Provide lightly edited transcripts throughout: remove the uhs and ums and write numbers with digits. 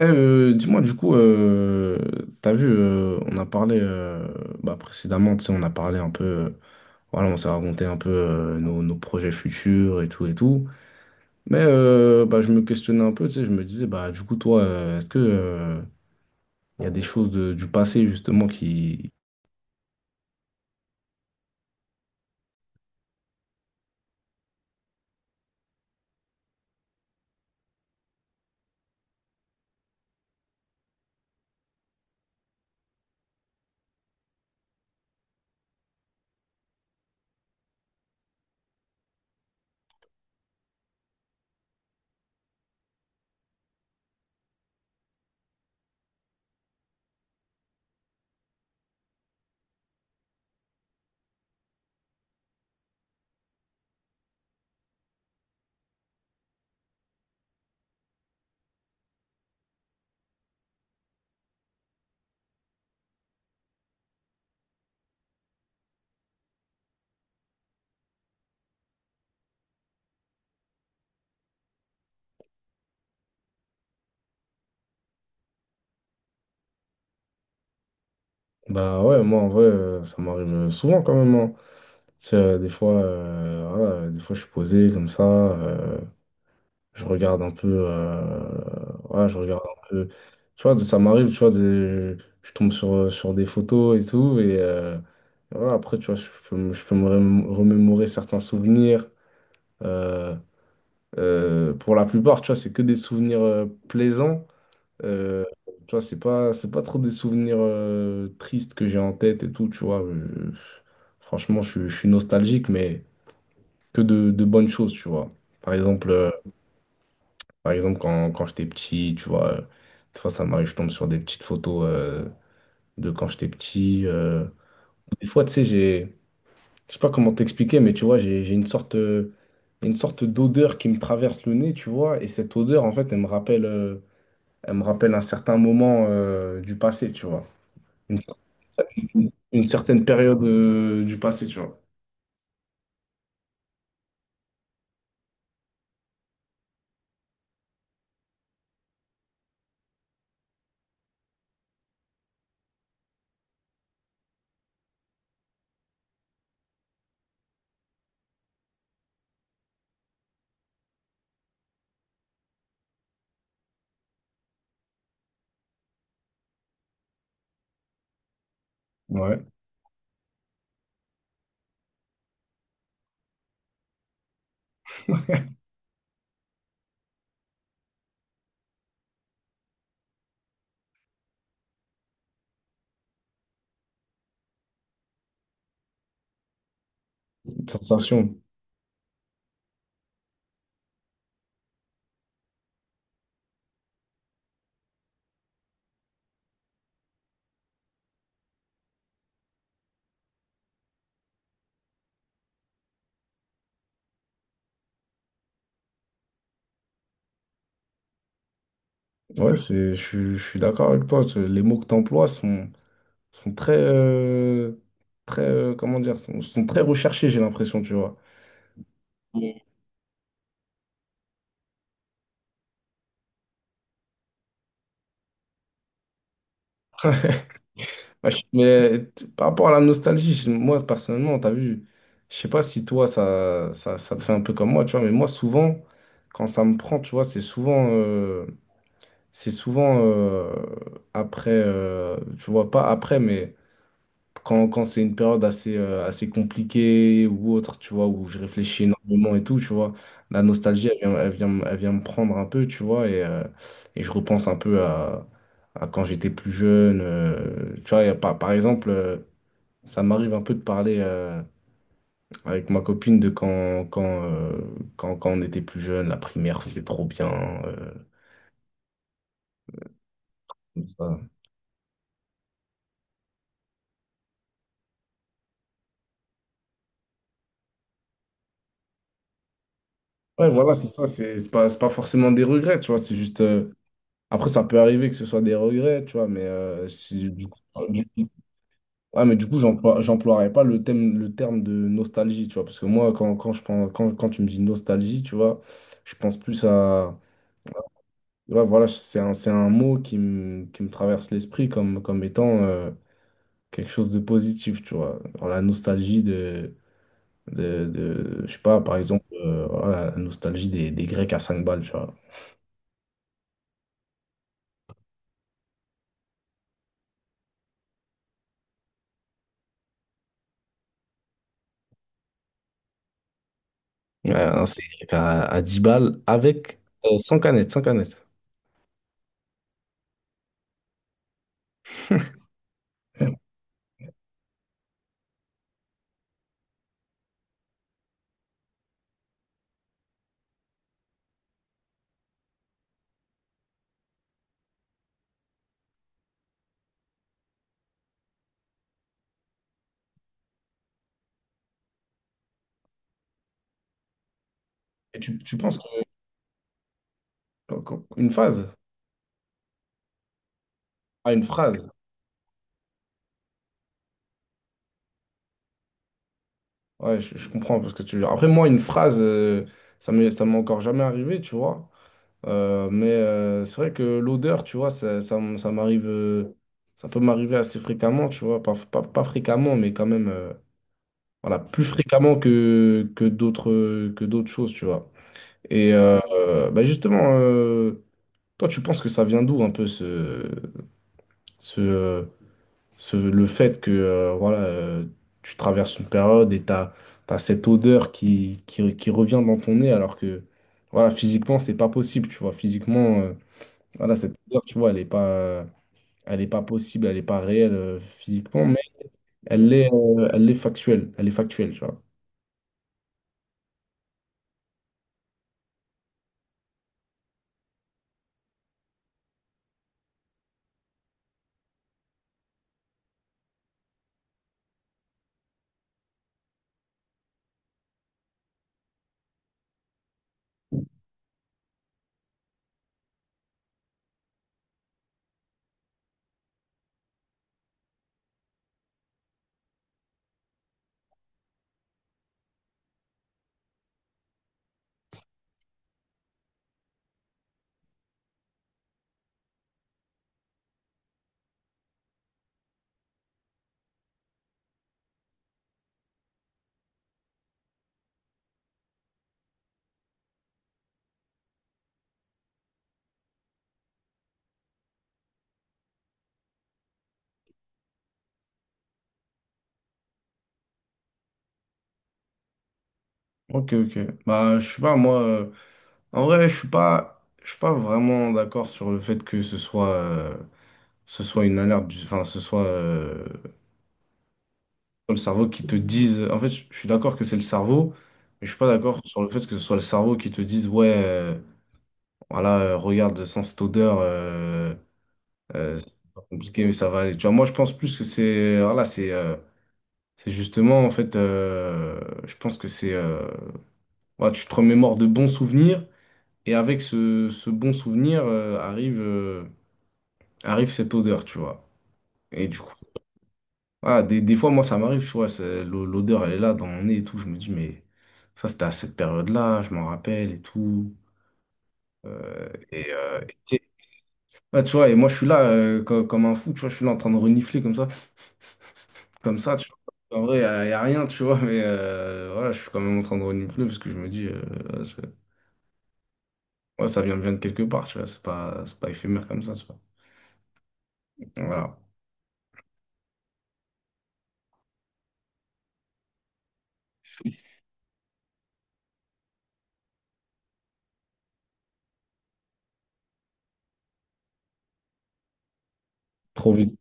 Dis-moi, du coup, t'as vu, on a parlé précédemment, tu sais, on a parlé un peu, voilà, on s'est raconté un peu nos, nos projets futurs et tout et tout. Mais je me questionnais un peu, tu sais, je me disais, bah, du coup, toi, est-ce que y a des choses du passé, justement, qui. Bah ouais, moi, en vrai, ça m'arrive souvent quand même, hein. Tu sais, des fois, voilà, des fois, je suis posé comme ça. Je regarde un peu. Ouais, je regarde un peu. Tu vois, ça m'arrive, tu vois, je tombe sur, sur des photos et tout. Et voilà, après, tu vois, je peux, je peux me remémorer certains souvenirs. Euh, pour la plupart, tu vois, c'est que des souvenirs plaisants. Euh, Tu vois, c'est pas trop des souvenirs tristes que j'ai en tête et tout, tu vois. Franchement, je suis nostalgique, mais que de bonnes choses, tu vois. Par exemple. Par exemple, quand j'étais petit, tu vois, des fois ça m'arrive, je tombe sur des petites photos de quand j'étais petit. Des fois, tu sais, je sais pas comment t'expliquer, mais tu vois, j'ai une sorte d'odeur qui me traverse le nez, tu vois, et cette odeur, en fait, elle me rappelle un certain moment du passé, tu vois, une, une certaine période du passé, tu vois. Ouais, une sensation. Ouais, c'est, je suis d'accord avec toi. Les mots que tu emploies sont, sont très, très comment dire, sont, sont très recherchés, j'ai l'impression, tu vois. Ouais, moi, mais par rapport à la nostalgie, moi personnellement, t'as vu, je sais pas si toi ça, ça, ça te fait un peu comme moi, tu vois, mais moi souvent, quand ça me prend, tu vois, c'est souvent après, tu vois, pas après, mais quand, quand c'est une période assez, assez compliquée ou autre, tu vois, où je réfléchis énormément et tout, tu vois, la nostalgie, elle vient me prendre un peu, tu vois, et je repense un peu à quand j'étais plus jeune. Tu vois, et par, par exemple, ça m'arrive un peu de parler avec ma copine de quand, quand on était plus jeune, la primaire, c'était trop bien. euh, Tout ça. Ouais, voilà, c'est ça, c'est pas forcément des regrets, tu vois, c'est juste. Après, ça peut arriver que ce soit des regrets, tu vois, mais du coup, ouais, mais du coup, j'emploierais pas le thème, le terme de nostalgie, tu vois, parce que moi, quand, quand je pense, quand, quand tu me dis nostalgie, tu vois, je pense plus à, ouais, voilà, c'est un mot qui me traverse l'esprit comme, comme étant quelque chose de positif, tu vois. Alors, la nostalgie de, je sais pas, par exemple, voilà, la nostalgie des Grecs à 5 balles, tu vois. Ouais, un steak à 10 balles avec sans canette, sans canette. Euh, Et tu penses une phase? Ah, une phrase. Ouais, je comprends parce que tu. Après, moi, une phrase, ça m'est encore jamais arrivé, tu vois. Mais c'est vrai que l'odeur, tu vois, ça, ça m'arrive. Ça peut m'arriver assez fréquemment, tu vois. Pas, pas, pas fréquemment, mais quand même. Voilà, plus fréquemment que, que d'autres choses, tu vois. Et bah justement, toi, tu penses que ça vient d'où un peu ce, ce, le fait que voilà, tu traverses une période et tu as, cette odeur qui revient dans ton nez alors que voilà, physiquement, c'est pas possible, tu vois. Physiquement, voilà, cette odeur, tu vois, elle est pas possible, elle est pas réelle physiquement, mais elle est factuelle, tu vois. Ok, ok. Bah, je sais pas, moi, en vrai, je suis pas vraiment d'accord sur le fait que ce soit une alerte, enfin, ce soit, le cerveau qui te dise. En fait, je suis d'accord que c'est le cerveau, mais je suis pas d'accord sur le fait que ce soit le cerveau qui te dise, ouais, voilà, regarde, sans cette odeur, c'est pas compliqué, mais ça va aller. Tu vois, moi, je pense plus que c'est, voilà, c'est justement, en fait, je pense que c'est, voilà, tu te remémores de bons souvenirs, et avec ce, ce bon souvenir, arrive, arrive cette odeur, tu vois. Et du coup, ah, des fois, moi, ça m'arrive, tu vois, l'odeur, elle est là dans mon nez et tout. Je me dis, mais ça, c'était à cette période-là, je m'en rappelle et tout. Euh, et, euh, et- ouais, tu vois, et moi, je suis là comme un fou, tu vois, je suis là en train de renifler comme ça, tu vois. En vrai, y a rien, tu vois, mais voilà, je suis quand même en train de renifler parce que je me dis, ouais, je- ouais, vient de quelque part, tu vois, c'est pas éphémère comme ça, tu vois. Voilà. Trop vite.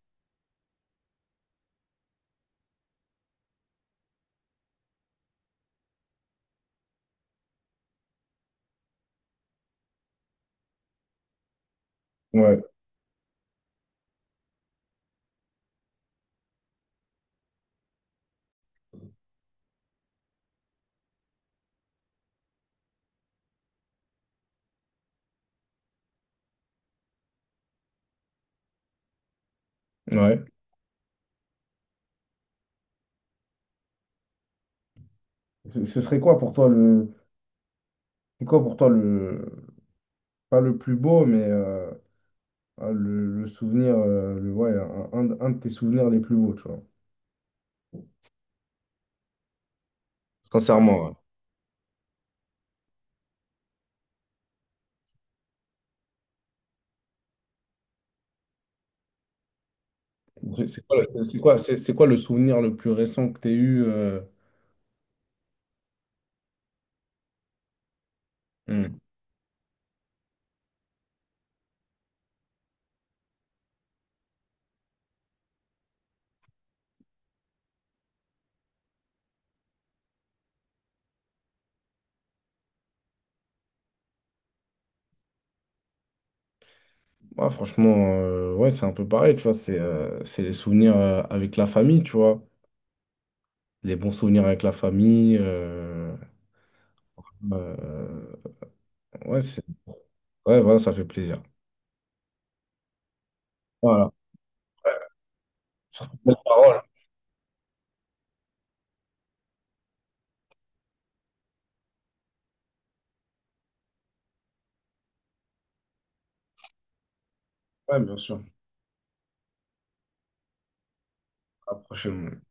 Ouais, ouais. Ce serait quoi pour toi le. C'est quoi pour toi le. Pas le plus beau, mais. Ah, le souvenir, ouais, un, un de tes souvenirs les plus beaux, tu vois. Sincèrement, ouais. C'est quoi, c'est quoi, c'est quoi le souvenir le plus récent que tu as eu hmm. Ouais, franchement, ouais, c'est un peu pareil, tu vois. C'est les souvenirs avec la famille, tu vois. Les bons souvenirs avec la famille. Euh, ouais, c'est, ouais, voilà, ça fait plaisir. Voilà. Sur cette belle parole. Ouais, bien sûr. À la prochaine.